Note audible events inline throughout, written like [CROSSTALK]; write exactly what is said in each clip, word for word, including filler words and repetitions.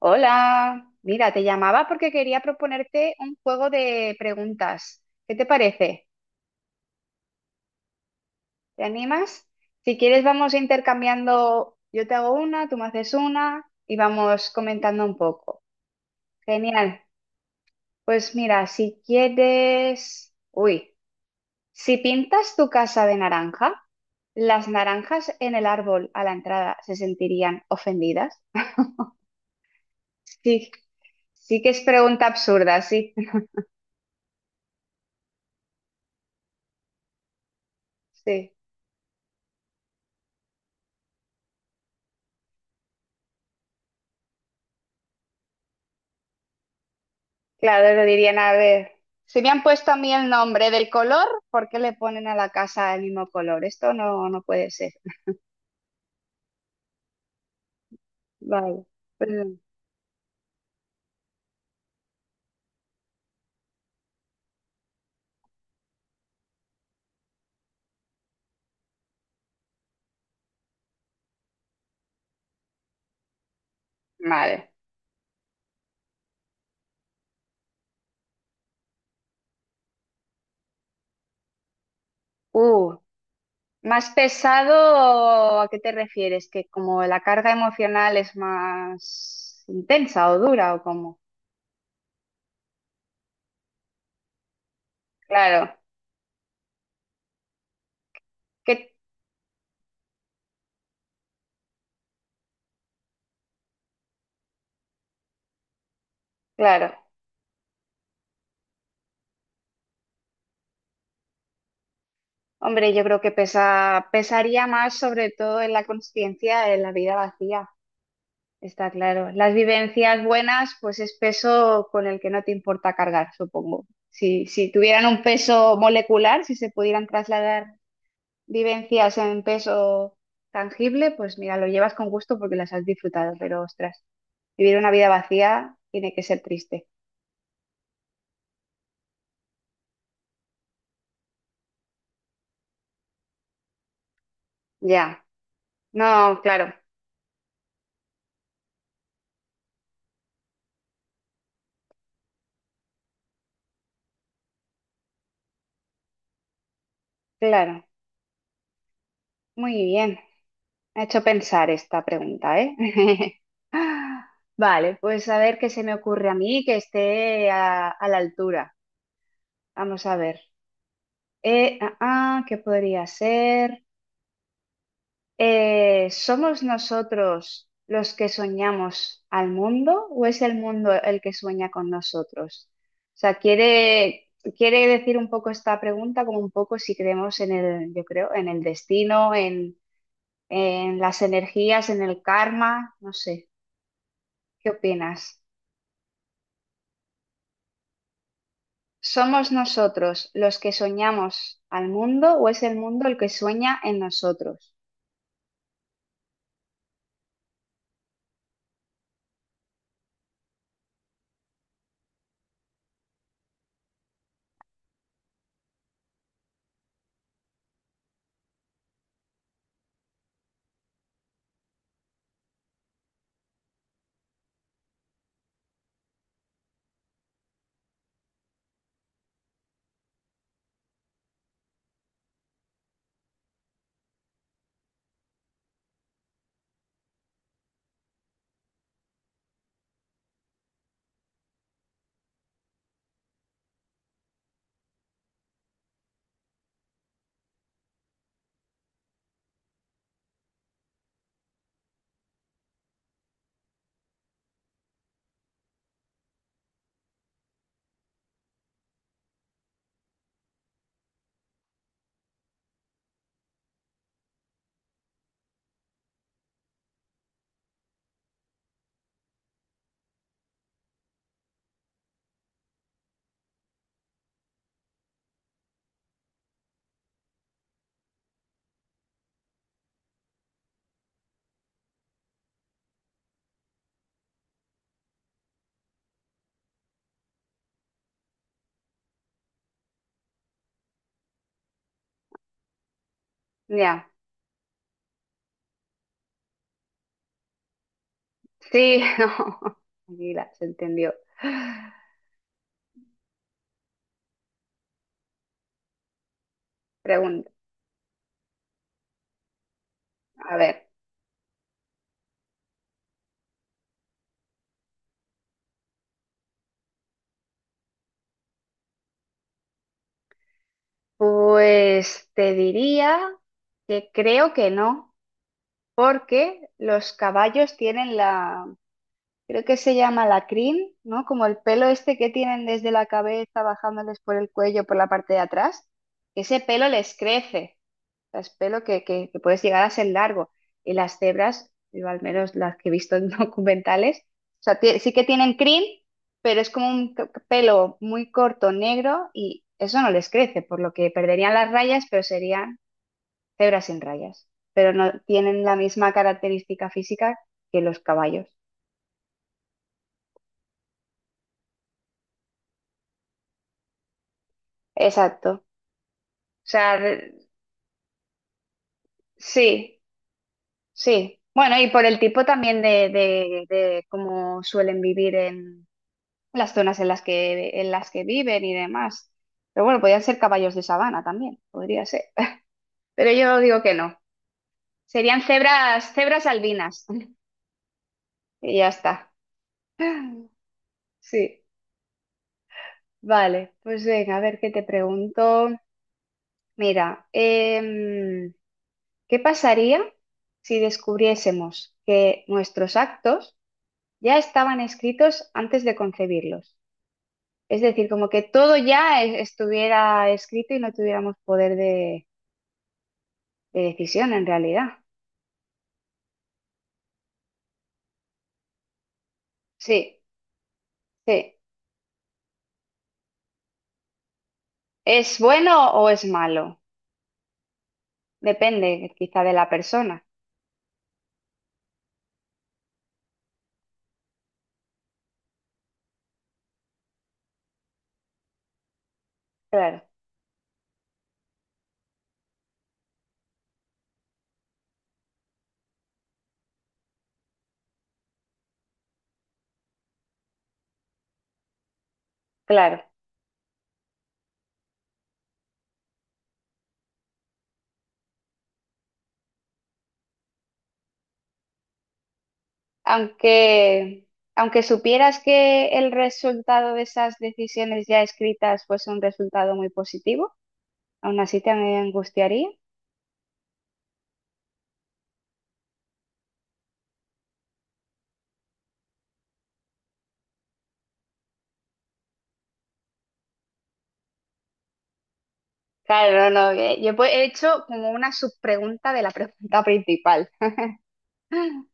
Hola, mira, te llamaba porque quería proponerte un juego de preguntas. ¿Qué te parece? ¿Te animas? Si quieres, vamos intercambiando. Yo te hago una, tú me haces una y vamos comentando un poco. Genial. Pues mira, si quieres, uy, si pintas tu casa de naranja, ¿las naranjas en el árbol a la entrada se sentirían ofendidas? Sí, sí que es pregunta absurda, sí. [LAUGHS] Claro, lo dirían, a ver, si me han puesto a mí el nombre del color, ¿por qué le ponen a la casa el mismo color? Esto no, no puede ser. Vale, pues, no. Vale. Uh, Más pesado, ¿a qué te refieres? ¿Que como la carga emocional es más intensa o dura o cómo? Claro, que, claro. Hombre, yo creo que pesa, pesaría más sobre todo en la consciencia, en la vida vacía. Está claro. Las vivencias buenas, pues es peso con el que no te importa cargar, supongo. Si, si tuvieran un peso molecular, si se pudieran trasladar vivencias en peso tangible, pues mira, lo llevas con gusto porque las has disfrutado, pero ostras, vivir una vida vacía tiene que ser triste. Ya. No, claro, claro. Muy bien. Me ha hecho pensar esta pregunta, ¿eh? [LAUGHS] Vale, pues a ver qué se me ocurre a mí que esté a a la altura. Vamos a ver. Eh, ah, ah, ¿qué podría ser? Eh, ¿somos nosotros los que soñamos al mundo o es el mundo el que sueña con nosotros? O sea, quiere, quiere decir un poco esta pregunta como un poco si creemos en el, yo creo, en el destino, en, en las energías, en el karma, no sé. ¿Qué opinas? ¿Somos nosotros los que soñamos al mundo o es el mundo el que sueña en nosotros? Ya. Sí, [LAUGHS] no, tranquila, se entendió. Pregunta, a ver, pues te diría que creo que no, porque los caballos tienen la, creo que se llama la crin, ¿no? Como el pelo este que tienen desde la cabeza bajándoles por el cuello, por la parte de atrás, ese pelo les crece. Sea, es pelo que, que- que puedes llegar a ser largo. Y las cebras, yo al menos las que he visto en [LAUGHS] documentales, o sea, tie- sí que tienen crin, pero es como un c- pelo muy corto, negro, y eso no les crece, por lo que perderían las rayas, pero serían cebras sin rayas. Pero no tienen la misma característica física que los caballos. Exacto. O sea, re- sí, sí. Bueno, y por el tipo también de, de, de cómo suelen vivir en las zonas en las que, en las que viven y demás. Pero bueno, podrían ser caballos de sabana también, podría ser. [LAUGHS] Pero yo digo que no. Serían cebras, cebras albinas. [LAUGHS] Y ya está. Sí. Vale, pues venga, a ver qué te pregunto. Mira, em, ¿qué pasaría si descubriésemos que nuestros actos ya estaban escritos antes de concebirlos? Es decir, como que todo ya e- estuviera escrito y no tuviéramos poder de de decisión en realidad. Sí, sí. ¿Es bueno o es malo? Depende quizá de la persona. Claro, claro. Aunque, aunque supieras que el resultado de esas decisiones ya escritas fuese un resultado muy positivo, aún así te angustiaría. Claro, no, no. eh, Yo pues he hecho como una subpregunta de la pregunta principal. [LAUGHS]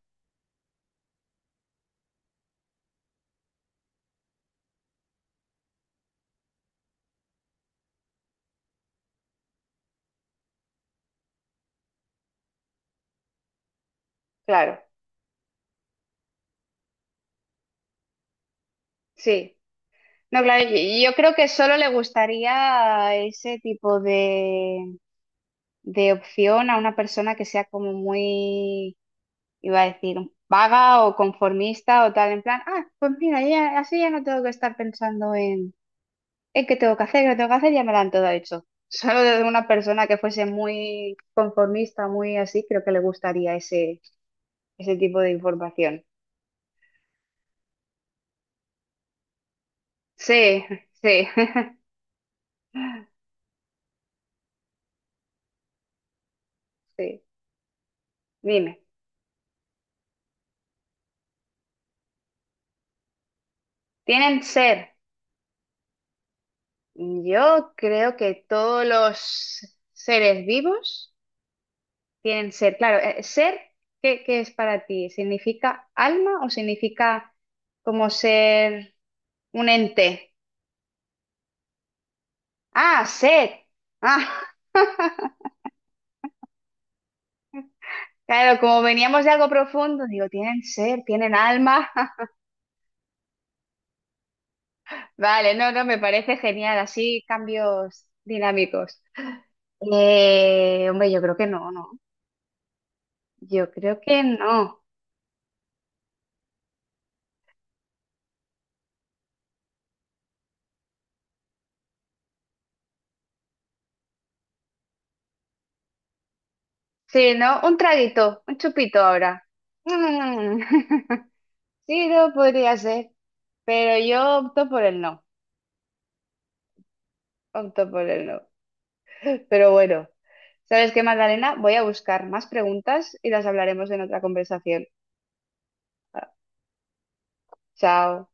Claro, sí. No, claro, y- y yo creo que solo le gustaría ese tipo de. de opción a una persona que sea como muy, iba a decir, vaga o conformista o tal, en plan, ah, pues mira, yo ya- así ya no tengo que estar pensando en, en qué tengo que hacer, qué no tengo que hacer, ya me lo han todo hecho. [LAUGHS] Solo de una persona que fuese muy conformista, muy así, creo que le gustaría ese, ese tipo de información. Sí, sí, [LAUGHS] sí. Dime, ¿tienen ser? Yo creo que todos los seres vivos tienen ser, claro. eh, ¿Ser qué, qué es para ti? ¿Significa alma o significa como ser un ente? Ah, ser. Ah, [LAUGHS] claro, como veníamos de algo profundo, digo, tienen ser, tienen alma. [LAUGHS] Vale, no, no, me parece genial, así cambios dinámicos. Eh, hombre, yo creo que no, no. Yo creo que no. Sí, ¿no? Un traguito, un chupito ahora. Mm. [LAUGHS] Sí, no podría ser, pero yo opto por el no, opto por el no. Pero bueno, ¿sabes qué, Magdalena? Voy a buscar más preguntas y las hablaremos en otra conversación. Ah, chao.